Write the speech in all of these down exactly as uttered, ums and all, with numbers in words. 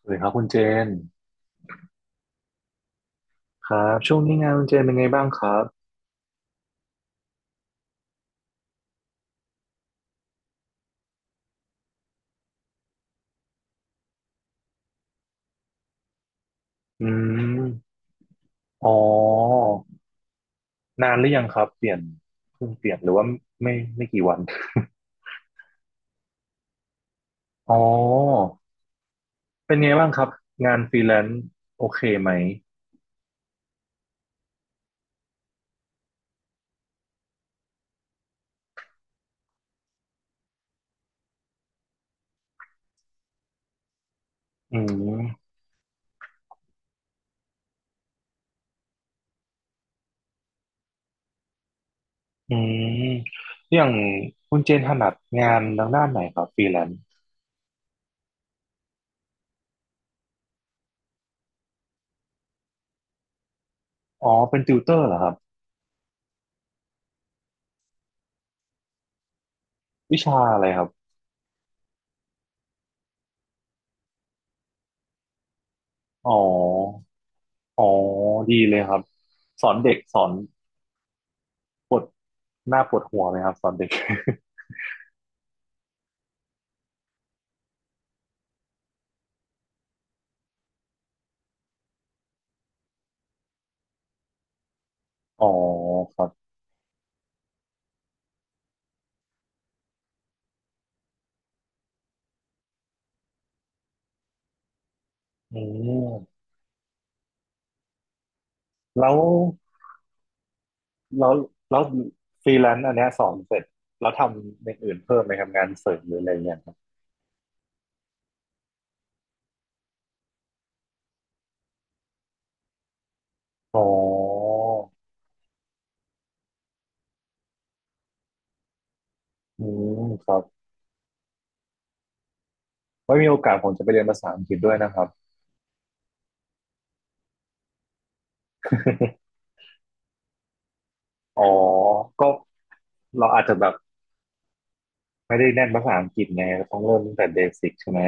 สวัสดีครับคุณเจนครับช่วงนี้งานคุณเจนเป็นไงบ้างครับอืมอ๋อนานหรือยังครับเปลี่ยนเพิ่งเปลี่ยนหรือว่าไม่ไม่กี่วันอ๋อเป็นไงบ้างครับงานฟรีแลนซ์โอเคไหมอืมอืมอย่างคุณเจนถนัดงานทางด้านไหนครับฟรีแลนซ์อ๋อเป็นติวเตอร์เหรอครับวิชาอะไรครับอ๋ออ๋อดีเลยครับสอนเด็กสอนปวดหน้าปวดหัวไหมครับสอนเด็ก อ๋อครับอืมแล้วแล้วแล้วฟรีแลนซ์อันเนี้ยสอนเสร็จแล้วทำอย่างอื่นเพิ่มไหมครับงานเสริมหรืออะไรอย่างเงี้ยครับอ๋ออืมครับไว้มีโอกาสผมจะไปเรียนภาษาอังกฤษด้วยนะครับอ๋อก็เราอาจจะแบบไม่ได้แน่นภาษาอังกฤษไงเราต้องเริ่มตั้งแต่เบสิกใช่ไหม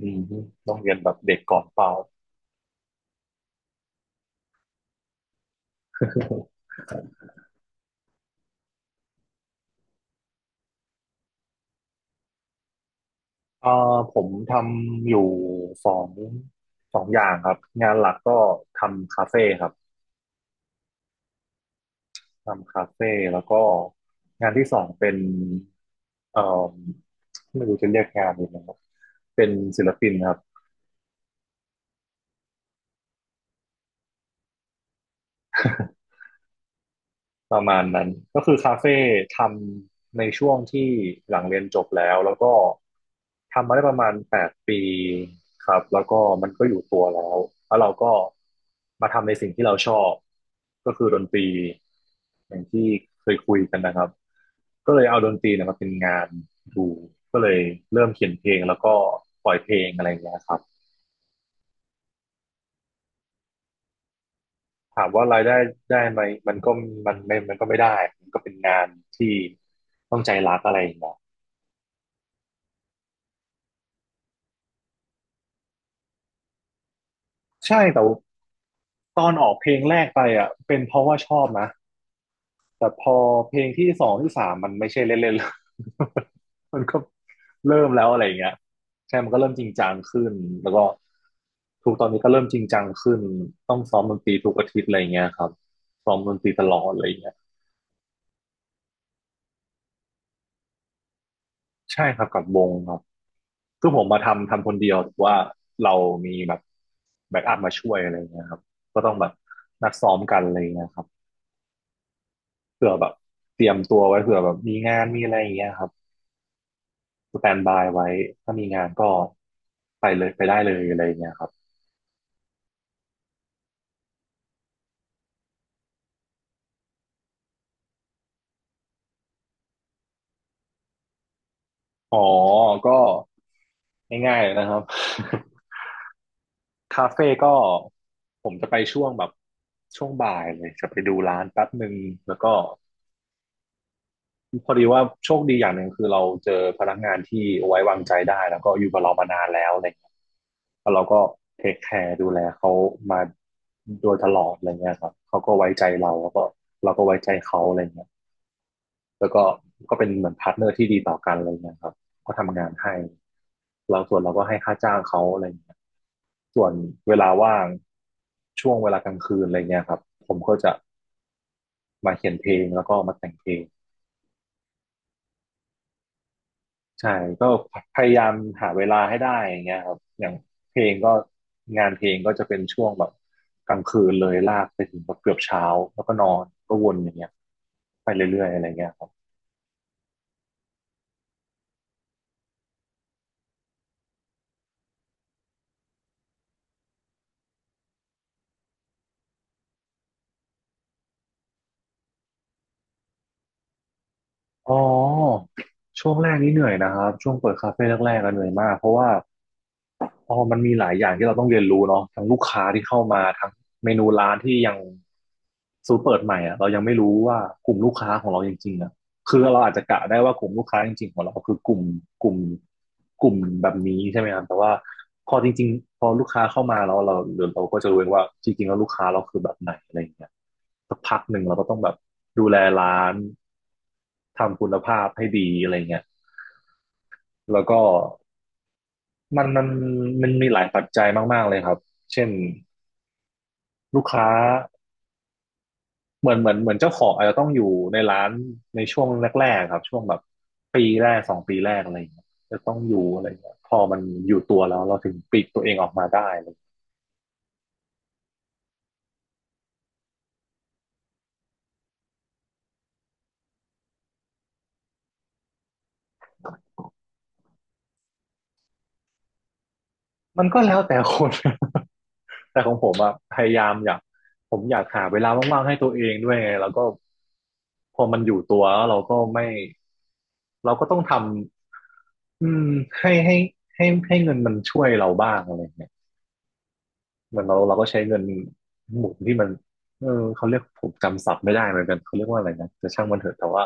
อืมต้องเรียนแบบเด็กก่อนเปล่าเอ่อผมทำอยู่สองสองอย่างครับงานหลักก็ทำคาเฟ่ครับ ทำคาเฟ่แล้วก็งานที่สองเป็นเอ่อไม่รู้จะเรียกงานยังไงครับเป็นศิลปินครับ ประมาณนั้นก็คือคาเฟ่ทำในช่วงที่หลังเรียนจบแล้วแล้วก็ทำมาได้ประมาณแปดปีครับแล้วก็มันก็อยู่ตัวแล้วแล้วเราก็มาทำในสิ่งที่เราชอบก็คือดนตรีอย่างที่เคยคุยกันนะครับก็เลยเอาดนตรีเนะมาเป็นงานดูก็เลยเริ่มเขียนเพลงแล้วก็ปล่อยเพลงอะไรอย่างเงี้ยครับถามว่ารายได้ได้ไหมมันก็มันไม่มันก็ไม่ได้มันก็เป็นงานที่ต้องใจรักอะไรอย่างเงี้ย ใช่แต่ว่าตอนออกเพลงแรกไปอ่ะเป็นเพราะว่าชอบนะแต่พอเพลงที่สองที่สามมันไม่ใช่เล่นๆแล้ว มันก็เริ่มแล้วอะไรอย่างเงี้ยใช่มันก็เริ่มจริงจังขึ้นแล้วก็ทุกตอนนี้ก็เริ่มจริงจังขึ้นต้องซ้อมดนตรีทุกอาทิตย์อะไรอย่างเงี้ยครับซ้อมดนตรีตลอดอะไรอย่างเงี้ยใช่ครับกับวงครับคือผมมาทำทำคนเดียวแต่ว่าเรามีแบบแบ็กอัพมาช่วยอะไรอย่างเงี้ยครับก็ต้องแบบนัดซ้อมกันอะไรอย่างเงี้ยครับ เผื่อแบบเตรียมตัวไว้เผื่อแบบมีงานมีอะไรอย่างเงี้ยครับสแตนบายไว้ถ้ามีงานก็ไปเลยไปได้เลยอะไรอย่างเงี้ยครับอ๋อก็ง่ายๆเลยนะครับคาเฟ่ก็ผมจะไปช่วงแบบช่วงบ่ายเลยจะไปดูร้านแป๊บหนึ่งแล้วก็ พอดีว่าโชคดีอย่างหนึ่งคือเราเจอพนักงานที่ไว้วางใจได้แล้วก็อยู่กับเรามานานแล้วอะไรเงี้ยแล้วเราก็เทคแคร์ดูแลเขามาโดยตลอดอะไรเงี้ยครับเขาก็ไว้ใจเราแล้วก็เราก็ไว้ใจเขาอะไรเงี้ยแล้วก็ก็เป็นเหมือนพาร์ทเนอร์ที่ดีต่อกันอะไรเงี้ยครับก็ทำงานให้เราส่วนเราก็ให้ค่าจ้างเขาอะไรเงี้ยส่วนเวลาว่างช่วงเวลากลางคืนอะไรเงี้ยครับผมก็จะมาเขียนเพลงแล้วก็มาแต่งเพลง ใช่ก็พยายามหาเวลาให้ได้อย่างเงี้ยครับอย่างเพลงก็งานเพลงก็จะเป็นช่วงแบบกลางคืนเลยลากไปถึงแบบเกือบเช้าแล้วก็นอนก็วนอย่างเงี้ยไปเรื่อยๆอะไรเงี้ยครับอ๋อช่วงแรกนี่เหนื่อยนะครับช่วงเปิดคาเฟ่แรกๆก็เหนื่อยมากเพราะว่า อ๋อมันมีหลายอย่างที่เราต้องเรียนรู้เนาะทั้งลูกค้าที่เข้ามาทั้งเมนูร้านที่ยังสูตรเปิดใหม่อ่ะเรายังไม่รู้ว่ากลุ่มลูกค้าของเราจริงๆอ่ะคือเราอาจจะกะได้ว่ากลุ่มลูกค้าจริงๆของเราคือกลุ่มกลุ่มกลุ่มแบบนี้ใช่ไหมครับแต่ว่าพอจริงๆพอลูกค้าเข้ามาแล้วเราเดี๋ยวเราก็จะรู้เองว่าจริงๆแล้วลูกค้าเราคือแบบไหนอะไรอย่างเงี้ยสักพักหนึ่งเราก็ต้องแบบดูแลร้านทำคุณภาพให้ดีอะไรเงี้ยแล้วก็ มันมันมันมีหลายปัจจัยมากๆเลยครับเช่นลูกค้าเหมือนเหมือนเหมือนเจ้าของอาจจะต้องอยู่ในร้านในช่วงแรกๆครับช่วงแบบปีแรกสองปีแรกอะไรอย่างเงี้ยจะต้องอยู่อะไรอย่างเงี้ยพอมันอยู่ตัวแล้วเราถึงปลีกตัวเองออกมาได้อะไรอย่างเงี้ยมันก็แล้วแต่คน แต่ของผมอะพยายามอยากผมอยากหาเวลาว่างๆให้ตัวเองด้วยไงแล้วก็พอมันอยู่ตัวแล้วเราก็ไม่เราก็ต้องทำอืมให้ให้ให้ให้เงินมันช่วยเราบ้างอะไรอย่างเงี้ย เหมือนเราเราก็ใช้เงินหมุนที่มันเออเขาเรียกผมจำศัพท์ไม่ได้เหมือนกันเขาเรียกว่าอะไรนะแต่ช่างมันเถอะแต่ว่า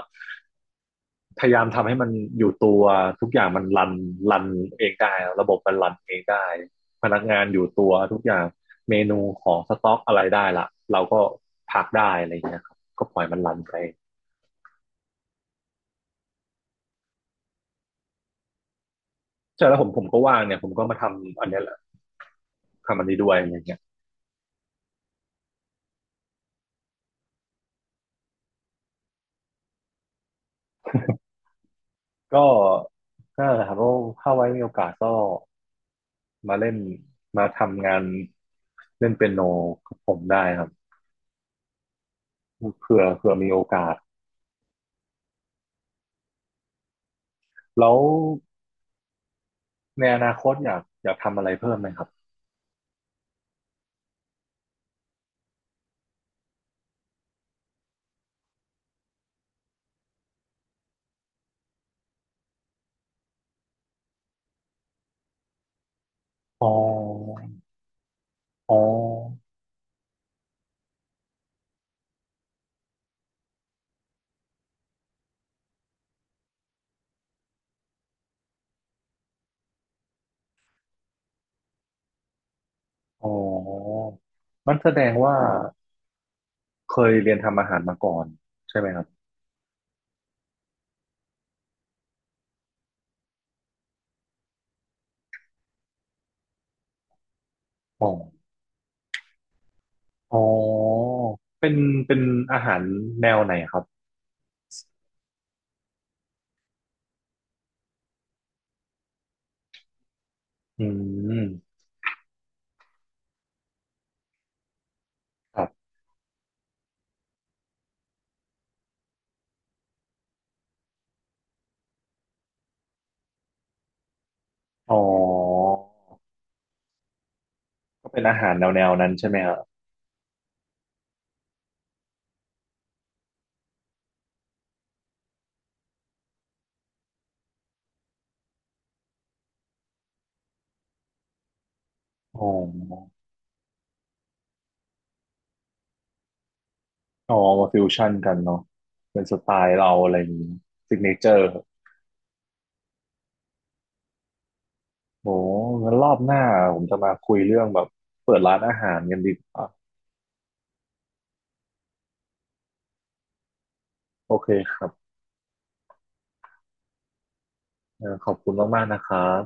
พยายามทำให้มันอยู่ตัวทุกอย่างมันรันรันเองได้ระบบมันรันเองได้พนักงานอยู่ตัวทุกอย่างเมนูของสต็อกอะไรได้ละเราก็พักได้อะไรอย่างเงี้ยครับก็ปล่อยมันรันไปใช่แล้วผมผมก็ว่างเนี่ยผมก็มาทำอันเนี้ยแหละทำอันนี้ด้วยอะไรเงี้ยก็ก็นั่นแหละครับก็ถ้าไว้มีโอกาสก็ มาเล่นมาทำงานเล่นเปียโนกับผมได้ครับเผื่อเผื่อมีโอกาสแล้วในอนาคตอยากอยากทำอะไรเพิ่มไหมครับอ๋ออ๋ออ๋อมันแสดงว่าเคยเรียนทำอาหารมาก่อนใช่ไหมครับอ๋ออ๋อเป็นเป็นอาหารแนวไหนครับอืมครับอ๋อก็เป็นอาหารแนวแนวนั้นใช่ไหมครับอ๋อ อ๋อ มาฟิวชั่นกันเนาะเป็นสไตล์เราอะไรอย่างนี้ซิกเนเจอร์ โอ้งั้นรอบหน้าผมจะมาคุยเรื่องแบบเปิดร้านอาหารกันดีกว่าโอเคครับเอ่อขอบคุณมากๆนะครับ